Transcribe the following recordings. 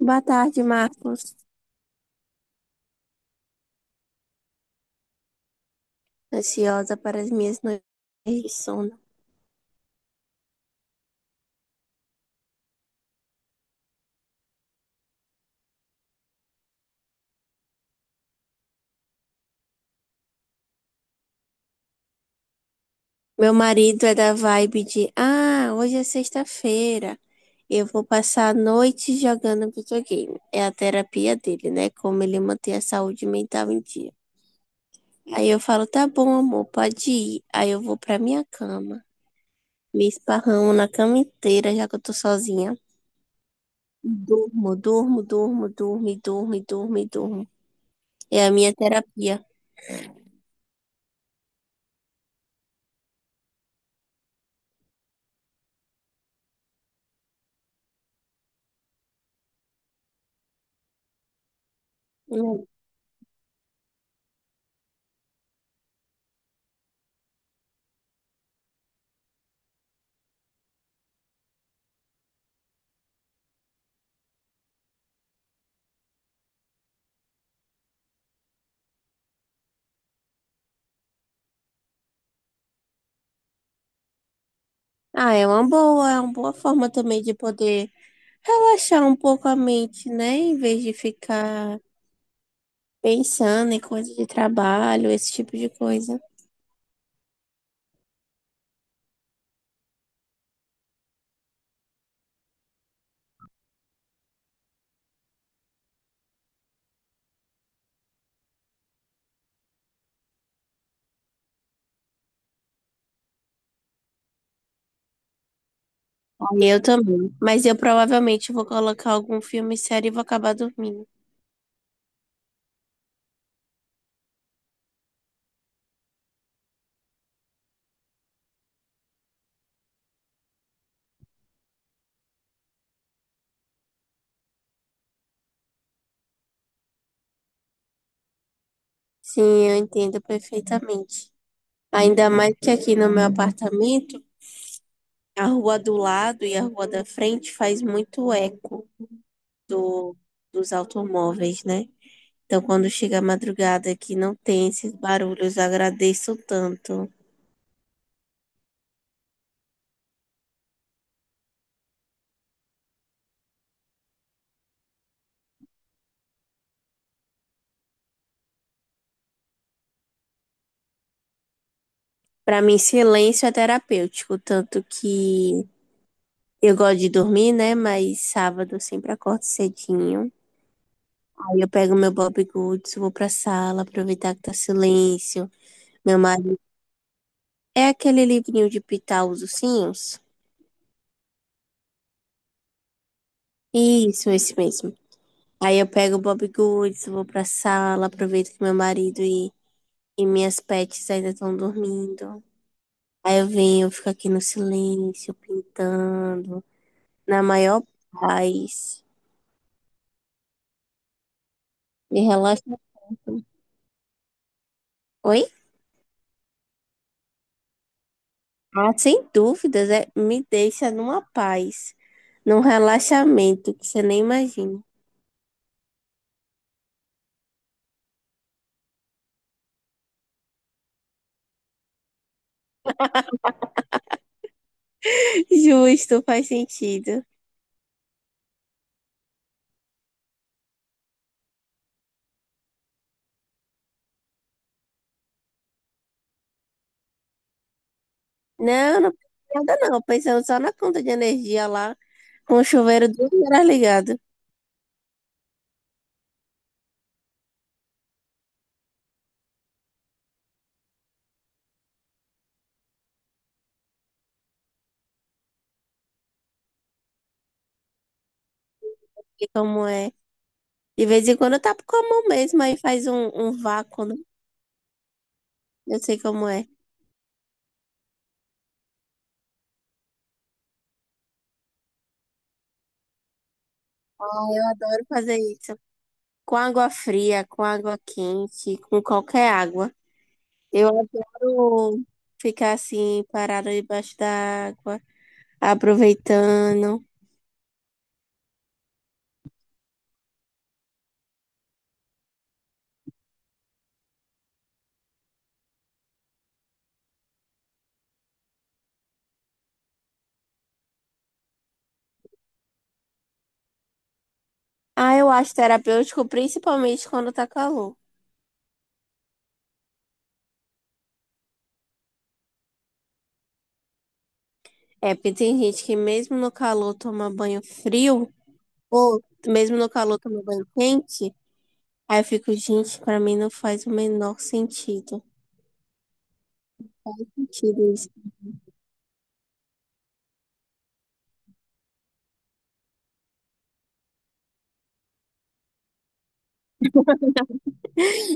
Boa tarde, Marcos. Ansiosa para as minhas noites de sono. Meu marido é da vibe de: Ah, hoje é sexta-feira. Eu vou passar a noite jogando videogame. É a terapia dele, né? Como ele mantém a saúde mental em dia. Aí eu falo: Tá bom, amor, pode ir. Aí eu vou pra minha cama. Me esparramo na cama inteira, já que eu tô sozinha. Durmo, durmo, durmo, durmo, e durmo, e durmo, e durmo. É a minha terapia. Ah, é uma boa forma também de poder relaxar um pouco a mente, né? Em vez de ficar pensando em coisa de trabalho, esse tipo de coisa. E eu também. Mas eu provavelmente vou colocar algum filme sério e vou acabar dormindo. Sim, eu entendo perfeitamente. Ainda mais que aqui no meu apartamento, a rua do lado e a rua da frente faz muito eco do, dos automóveis, né? Então, quando chega a madrugada que não tem esses barulhos, eu agradeço tanto. Para mim, silêncio é terapêutico, tanto que eu gosto de dormir, né? Mas sábado eu sempre acordo cedinho. Aí eu pego meu Bob Goods, vou pra sala, aproveitar que tá silêncio. Meu marido é aquele livrinho de pitar os ursinhos? Isso, esse mesmo. Aí eu pego o Bob Goods, vou pra sala, aproveito que meu marido e minhas pets ainda estão dormindo. Aí eu venho, eu fico aqui no silêncio, pintando, na maior paz. Me relaxa. Oi? Ah, sem dúvidas, é, me deixa numa paz, num relaxamento que você nem imagina. Justo, faz sentido. Não, não pensei em nada não, pensando só na conta de energia lá, com o chuveiro 2 horas ligado. E como é? De vez em quando eu tapo com a mão mesmo, aí faz um vácuo, né? Eu sei como é. Ah, eu adoro fazer isso. Com água fria, com água quente, com qualquer água. Eu adoro ficar assim, parada debaixo da água, aproveitando. Ah, eu acho terapêutico, principalmente quando tá calor. É, porque tem gente que mesmo no calor toma banho frio, ou mesmo no calor toma banho quente. Aí eu fico, gente, pra mim não faz o menor sentido. Sentido isso.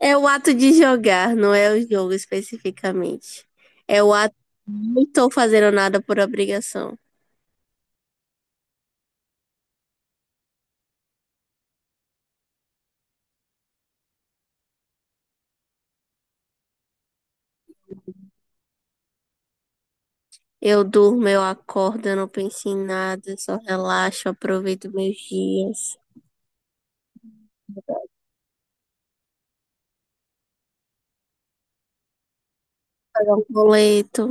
É o ato de jogar, não é o jogo especificamente. É o ato de não estou fazendo nada por obrigação. Eu durmo, eu acordo, eu não penso em nada, só relaxo, aproveito meus dias, pago um boleto.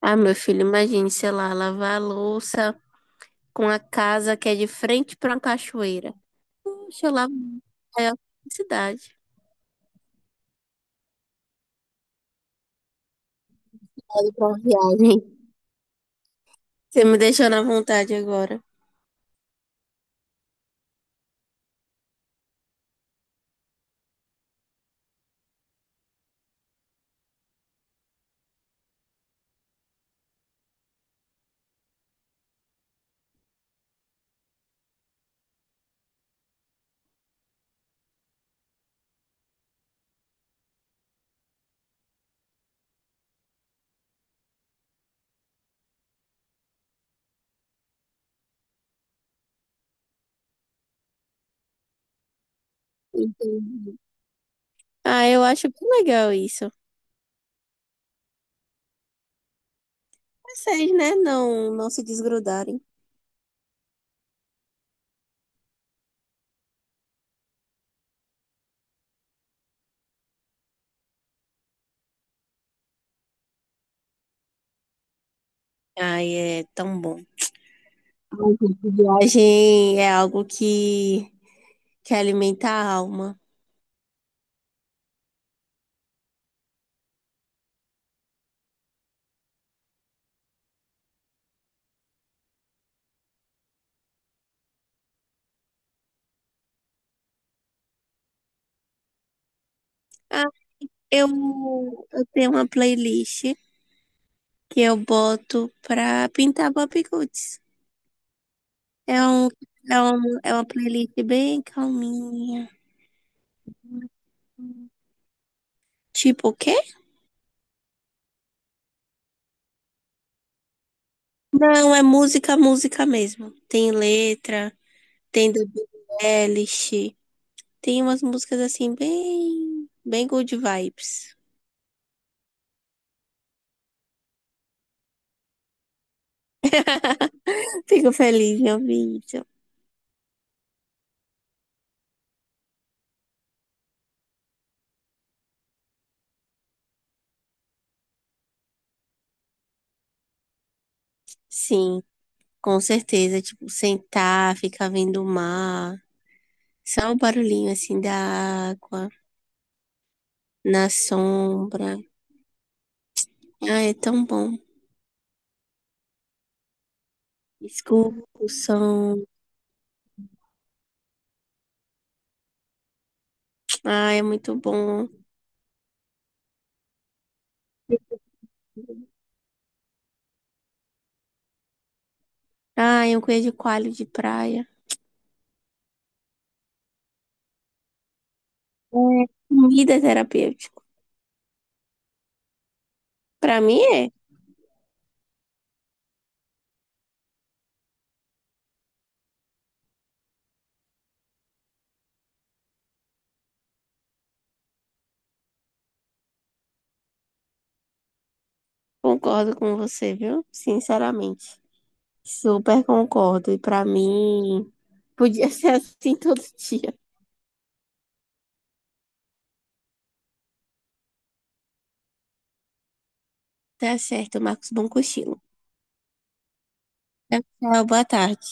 Ah, meu filho, imagine, sei lá, lavar a louça com a casa que é de frente para uma cachoeira. Poxa, eu lavo é a felicidade. Olha pra uma viagem. Você me deixou na vontade agora. Entendi. Ah, eu acho bem legal isso. Vocês, né? Não, não se desgrudarem. Ai, é tão bom. Ai, gente, viagem é algo que alimenta a alma. Ah, eu, eu tenho uma playlist que eu boto pra pintar bobbiguts. É um, é uma playlist bem calminha. Tipo o quê? Não, é música, música mesmo. Tem letra, tem da Billie Eilish, tem umas músicas assim bem, bem good vibes. Fico feliz em ouvir isso. Sim, com certeza. Tipo, sentar, ficar vendo o mar. Só o barulhinho assim da água, na sombra. Ah, é tão bom. Escuta o som. Ah, é muito bom. Ah, um queijo coalho de praia. É, comida é terapêutico. Pra mim é. Concordo com você, viu? Sinceramente. Super concordo. E pra mim, podia ser assim todo dia. Tá certo, Marcos. Bom cochilo. Tchau, tchau, boa tarde.